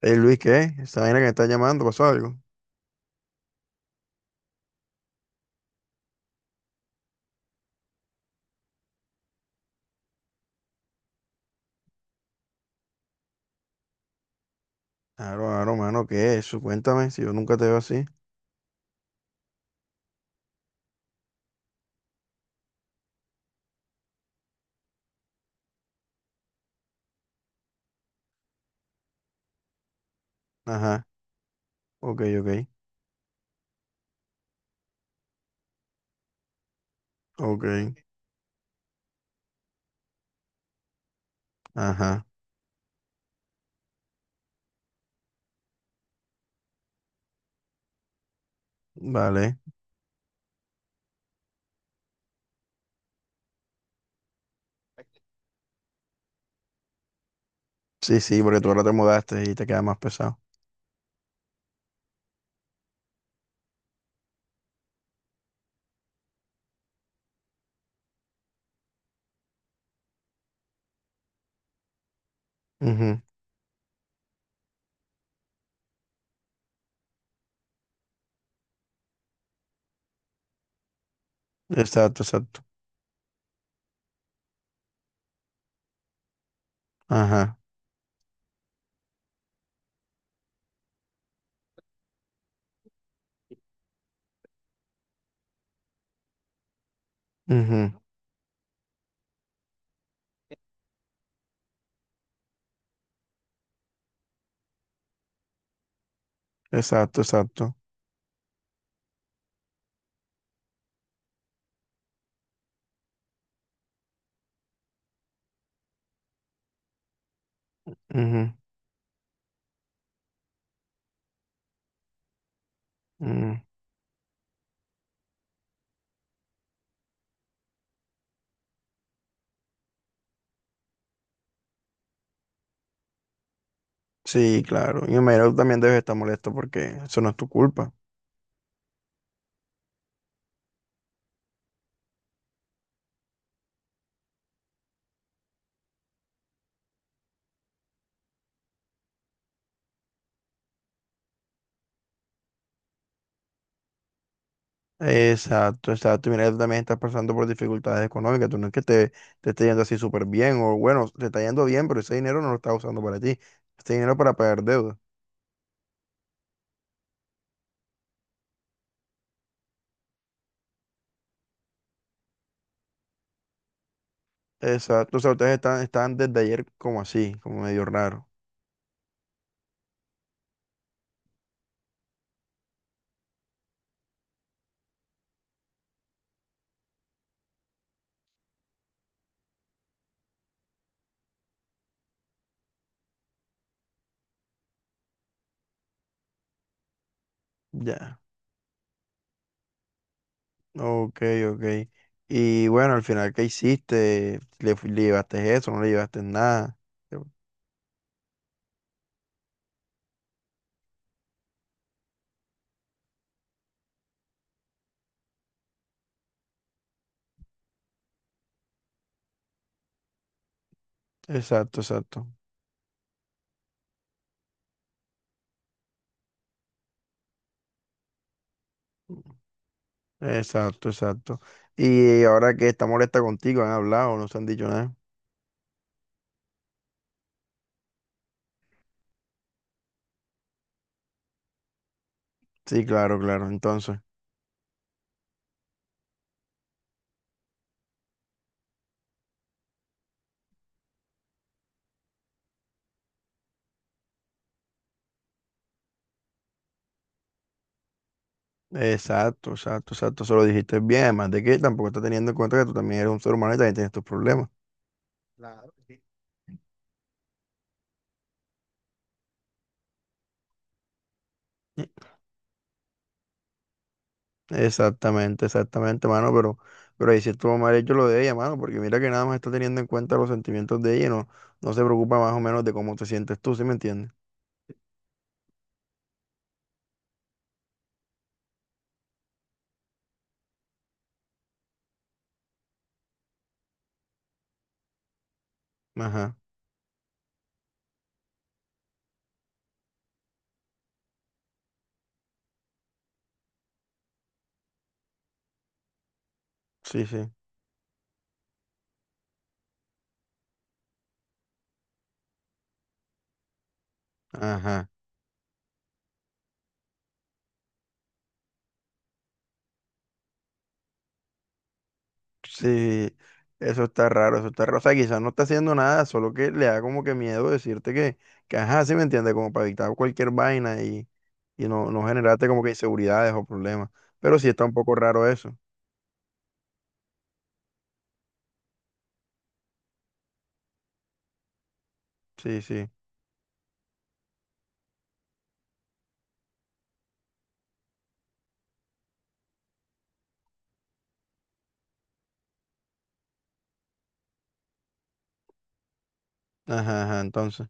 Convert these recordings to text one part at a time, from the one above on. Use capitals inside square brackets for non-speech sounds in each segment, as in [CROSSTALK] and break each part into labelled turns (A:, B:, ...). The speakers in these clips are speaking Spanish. A: Ey, Luis, ¿qué? Esa vaina que me está llamando, ¿pasó algo? Claro, claro, mano, ¿qué es eso? Cuéntame, si yo nunca te veo así. Ajá, ok, ok, ok, ajá, vale. Sí, sí, porque tú ahora te mudaste y te queda más pesado. Ujú, exacto, exacto, ajá, ujú, exacto, exacto, ujú, ujú. Sí, claro, y me imagino que tú también debes estar molesto porque eso no es tu culpa. Exacto, exacto. Mira, tú también estás pasando por dificultades económicas. Tú no es que te esté yendo así súper bien, o bueno, te está yendo bien, pero ese dinero no lo estás usando para ti. Este dinero para pagar deuda. Exacto. O sea, ustedes están, están desde ayer como así, como medio raro. Ya. Ok, ok. Y bueno, al final, ¿qué hiciste? ¿Le, le llevaste eso? ¿No le llevaste nada? Exacto, exacto. Exacto, exacto. Y ahora que está molesta contigo, ¿han hablado? ¿No se han dicho nada? Sí, claro, claro. Entonces. Exacto, exacto, exacto. Eso lo dijiste bien. Además de que tampoco está teniendo en cuenta que tú también eres un ser humano y también tienes tus problemas. Exactamente, exactamente, mano, pero ahí sí estuvo mal hecho lo de ella, mano, porque mira que nada más está teniendo en cuenta los sentimientos de ella y no, no se preocupa más o menos de cómo te sientes tú, ¿sí me entiendes? Ajá, sí, sí, ajá. Sí, eso está raro, eso está raro. O sea, quizás no está haciendo nada, solo que le da como que miedo decirte que ajá, sí me entiende, como para evitar cualquier vaina y no, no generarte como que inseguridades o problemas. Pero sí está un poco raro eso. Sí, sí. Ajá, ajá, entonces.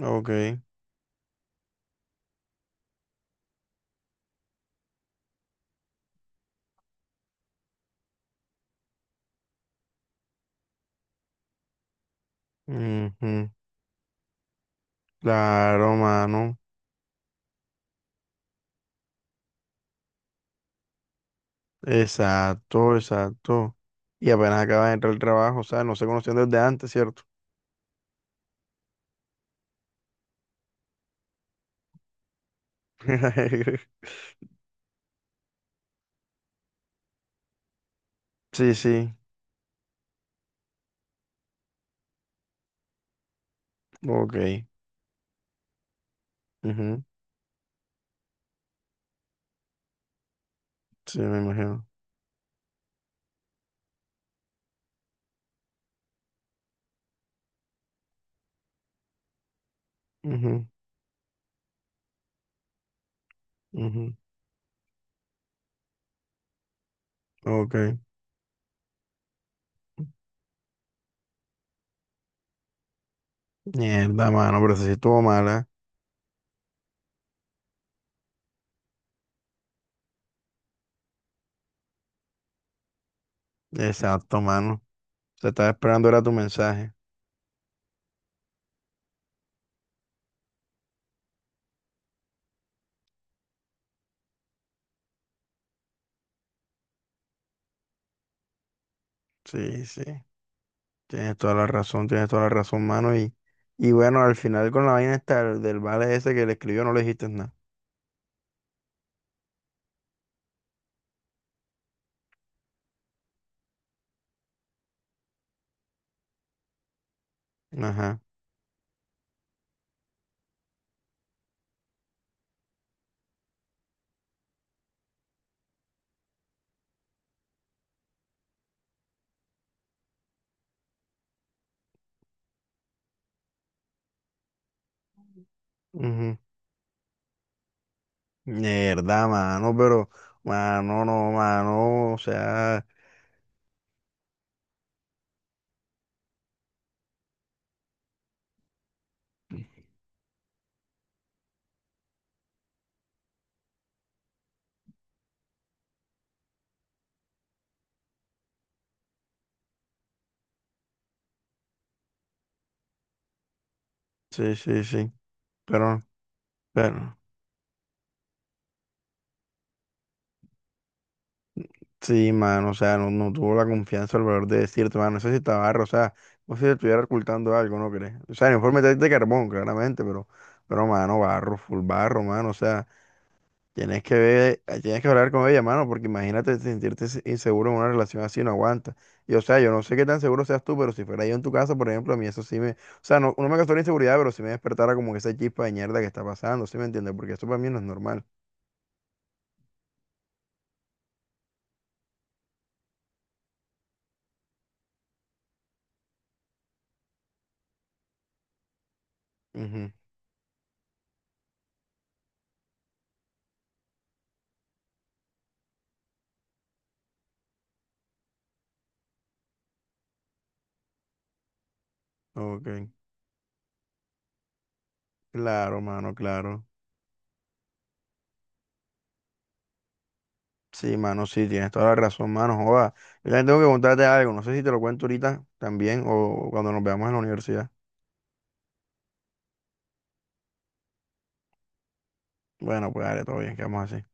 A: Ok. Ujú. Claro, mano. Exacto, exacto. Y apenas acaba de entrar al trabajo, o sea, no se conocían desde antes, ¿cierto? [LAUGHS] Sí, sí. Ok. Ujú. Sí, me imagino. Ujú. Ujú, ok. Mierda, mano, pero sí estuvo mala. Exacto, mano. Se estaba esperando era tu mensaje. Sí, sí. Tienes toda la razón, tienes toda la razón, mano. Y bueno, al final con la vaina esta del vale ese que le escribió no le dijiste nada. Ajá. Ujú. Mierda, mano, pero, mano, no, mano, o sea, sí, sí, sí. Pero, pero. Sí, mano, o sea, no, no tuvo la confianza o el valor de decirte, mano, eso sí está barro, o sea, no sé si te estuviera ocultando algo, ¿no crees? O sea, el informe está de carbón, claramente, pero, mano, barro, full barro, mano, o sea, tienes que ver, tienes que hablar con ella, mano, porque imagínate sentirte inseguro en una relación así, no aguanta. Y, o sea, yo no sé qué tan seguro seas tú, pero si fuera yo en tu casa, por ejemplo, a mí eso sí me, o sea, no, no me causó la inseguridad, pero sí me despertara como que esa chispa de mierda que está pasando, ¿sí me entiendes? Porque eso para mí no es normal. Ujú, ok, claro, mano, claro. Sí, mano, sí, tienes toda la razón, mano. Joda. Yo también tengo que contarte algo. No sé si te lo cuento ahorita también o cuando nos veamos en la universidad. Bueno, pues dale, todo bien, quedamos así.